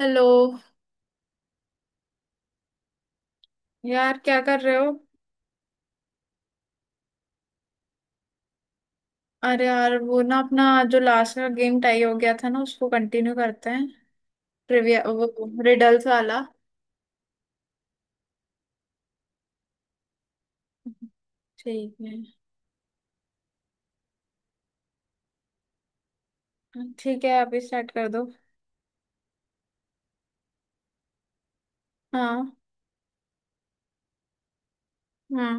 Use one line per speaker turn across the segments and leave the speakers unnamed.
Hello. यार, क्या कर रहे हो? अरे यार, वो ना अपना जो लास्ट का गेम टाई हो गया था ना, उसको कंटिन्यू करते हैं। ट्रिविया वो रिडल्स वाला। ठीक है। ठीक है, आप ही स्टार्ट कर दो। हाँ। हाँ।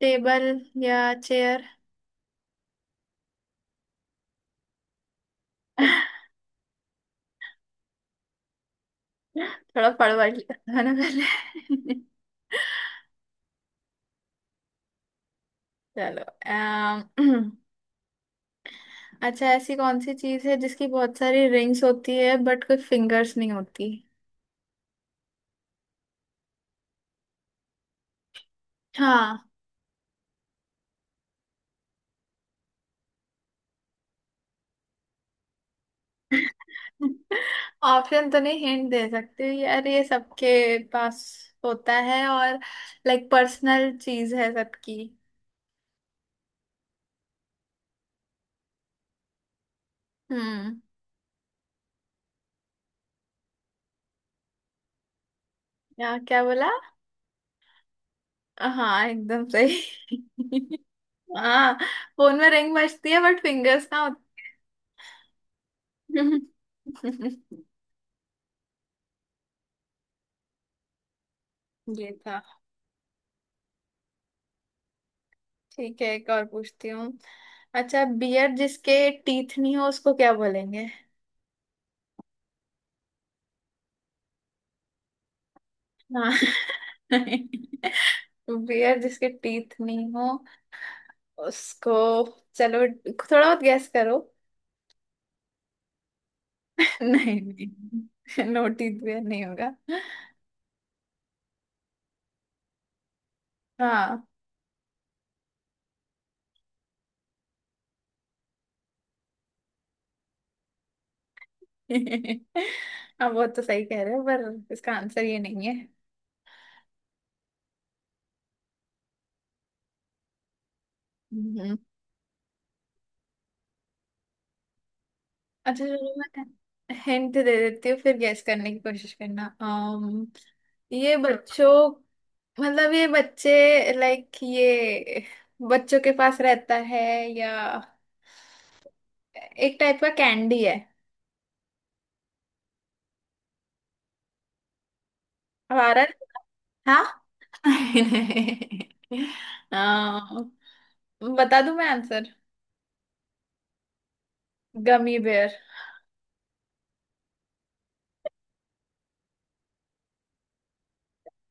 टेबल या चेयर? थोड़ा पढ़ पढ़ लिया था ना पहले। चलो, अच्छा, ऐसी कौन सी चीज है जिसकी बहुत सारी रिंग्स होती है बट कोई फिंगर्स नहीं होती? हाँ। ऑप्शन तो नहीं, हिंट दे सकते। यार ये सबके पास होता है, और लाइक पर्सनल चीज है सबकी। हम्म। यहाँ क्या बोला? हाँ, एकदम सही। हाँ, फोन में रिंग बजती है बट फिंगर्स ना होते। ये था। ठीक है, एक और पूछती हूँ। अच्छा, बियर जिसके टीथ नहीं हो उसको क्या बोलेंगे? हाँ। बियर जिसके टीथ नहीं हो उसको। चलो थोड़ा बहुत गैस करो। नहीं नहीं, नोटिस भी नहीं होगा। हाँ। अब वो तो सही कह रहे हो, पर इसका आंसर ये नहीं है। हम्म। अच्छा चलो, मैं हिंट दे देती हूँ, फिर गैस करने की कोशिश करना। अम ये बच्चों, मतलब ये बच्चे, लाइक ये बच्चों के पास रहता है, या एक टाइप का कैंडी है हमारा। हाँ। नहीं। आ, बता दूं मैं आंसर। Gummy bear.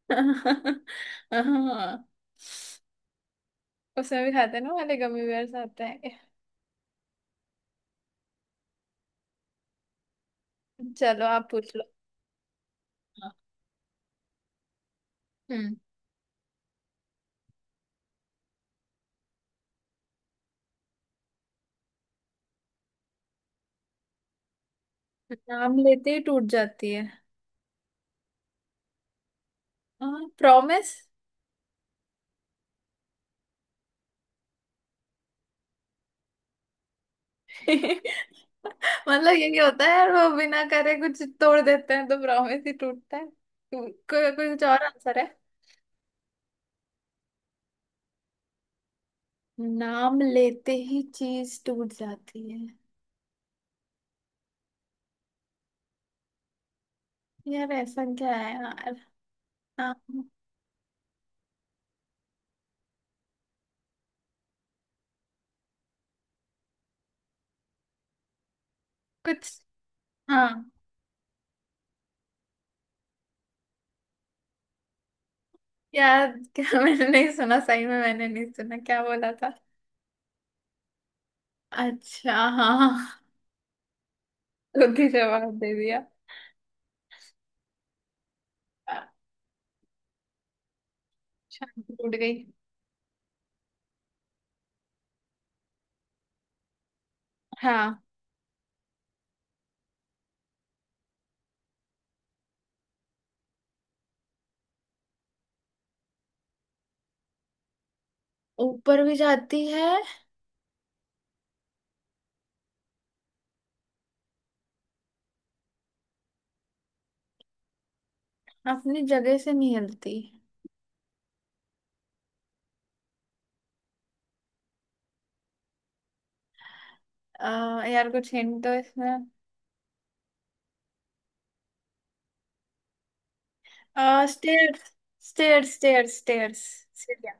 हाँ, उसमें भी खाते हैं ना वाले गमी बेयर्स आते हैं। चलो आप पूछ लो। हम्म। नाम लेते ही टूट जाती है? हाँ, प्रॉमिस। मतलब यही होता है, वो बिना करे कुछ तोड़ देते हैं तो प्रॉमिस ही टूटता है। कोई कुछ और आंसर है? नाम लेते ही चीज टूट जाती है? यार ऐसा क्या है यार? हाँ। कुछ। हाँ। यार क्या, मैंने नहीं सुना। सही में मैंने नहीं सुना, क्या बोला था? अच्छा। हाँ हाँ, हाँ। खुद ही जवाब दे दिया। शांति टूट गई। हाँ। ऊपर भी जाती है, अपनी जगह से नहीं हिलती। यार कुछ हिंट दो इसमें। Stairs, stairs, stairs, stairs! सीढ़ियाँ!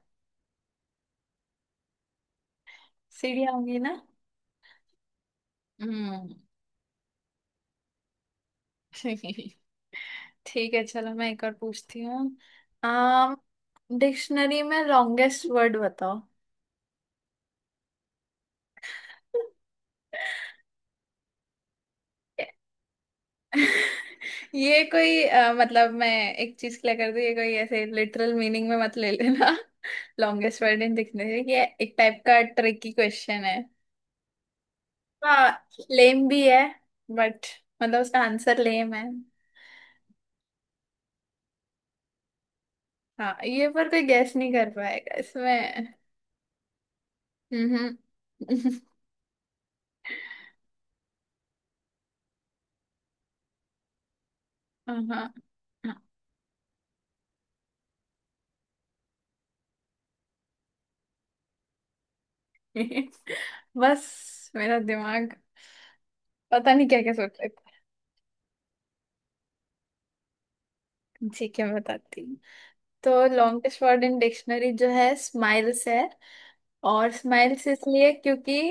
सीढ़ियाँ होंगी ना। हम्म। ठीक है, चलो मैं एक और पूछती हूँ। आम डिक्शनरी में लॉन्गेस्ट वर्ड बताओ। ये कोई मतलब मैं एक चीज क्लियर कर दूं, ये कोई ऐसे लिटरल मीनिंग में मत ले लेना। लॉन्गेस्ट वर्ड इन दिखने से, ये एक टाइप का ट्रिकी क्वेश्चन है। हाँ। लेम भी है, बट मतलब उसका आंसर लेम है। हाँ, ये पर कोई गैस नहीं कर पाएगा इसमें। हम्म। हाँ। बस मेरा दिमाग पता नहीं क्या क्या सोच रहा था। ठीक है, मैं बताती हूँ। तो लॉन्गेस्ट वर्ड इन डिक्शनरी जो है, स्माइल्स है। और स्माइल्स इसलिए क्योंकि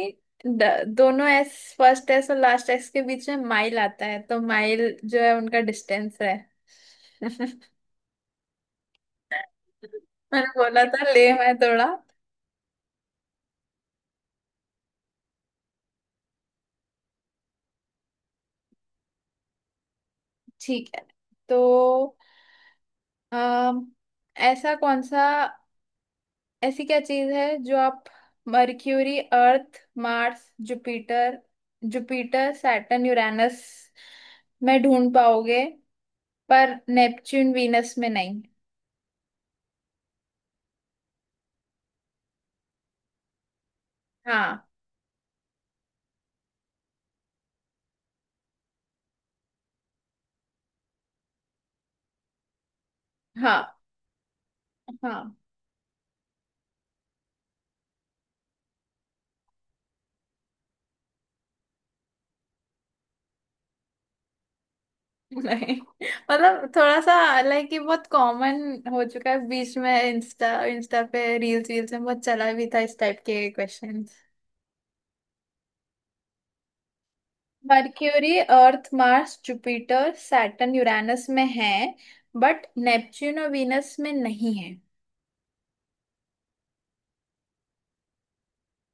दोनों एस, फर्स्ट एस और लास्ट एस के बीच में माइल आता है, तो माइल जो है उनका डिस्टेंस है। मैंने बोला था ले, मैं थोड़ा। ठीक है, तो अम, ऐसा कौन सा ऐसी क्या चीज है जो आप Mercury, Earth, Mars, Jupiter Jupiter, Saturn, Uranus में ढूंढ पाओगे, पर नेपच्यून वीनस में नहीं। हाँ। हाँ। हाँ, नहीं मतलब थोड़ा सा, लाइक ये बहुत कॉमन हो चुका है। बीच में इंस्टा इंस्टा पे रील्स वील्स में बहुत चला भी था, इस टाइप के questions. Mercury, Earth, Mars, Jupiter, Saturn, Uranus में है, बट नेपच्यून और वीनस में नहीं है।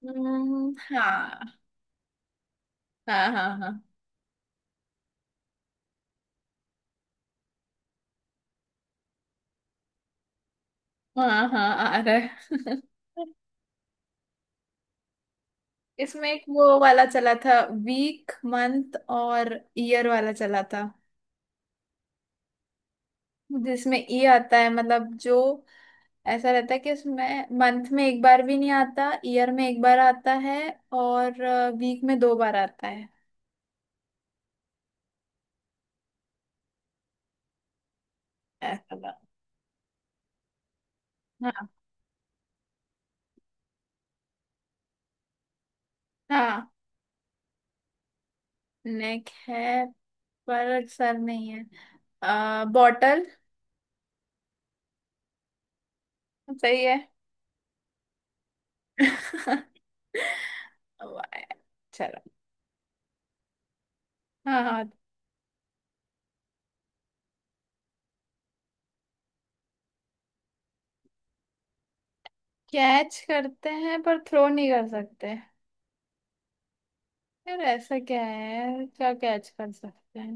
हम्म। हाँ, हाँ, हाँ, हाँ, हाँ, हाँ, आ रहा है। इसमें एक वो वाला चला था, वीक मंथ और ईयर वाला चला था। जिसमें ई आता है, मतलब जो ऐसा रहता है कि उसमें मंथ में एक बार भी नहीं आता, ईयर में एक बार आता है, और वीक में 2 बार आता है। ऐसा था। हाँ। हाँ, नेक है पर सर नहीं है। बॉटल। सही है। वाह, चलो। हाँ। हाँ, कैच करते हैं पर थ्रो नहीं कर सकते? यार ऐसा क्या है, क्या कैच कर सकते हैं?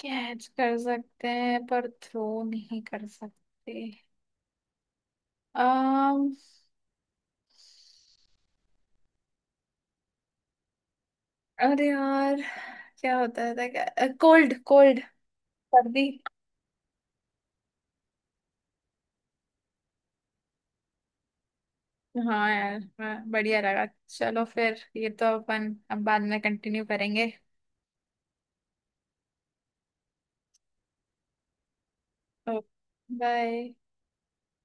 कैच कर सकते हैं पर थ्रो नहीं कर सकते। अरे यार, क्या होता है था क्या? कोल्ड! कोल्ड! सर्दी। हाँ यार, हाँ, बढ़िया लगा। चलो फिर, ये तो अपन अब बाद में कंटिन्यू करेंगे। बाय।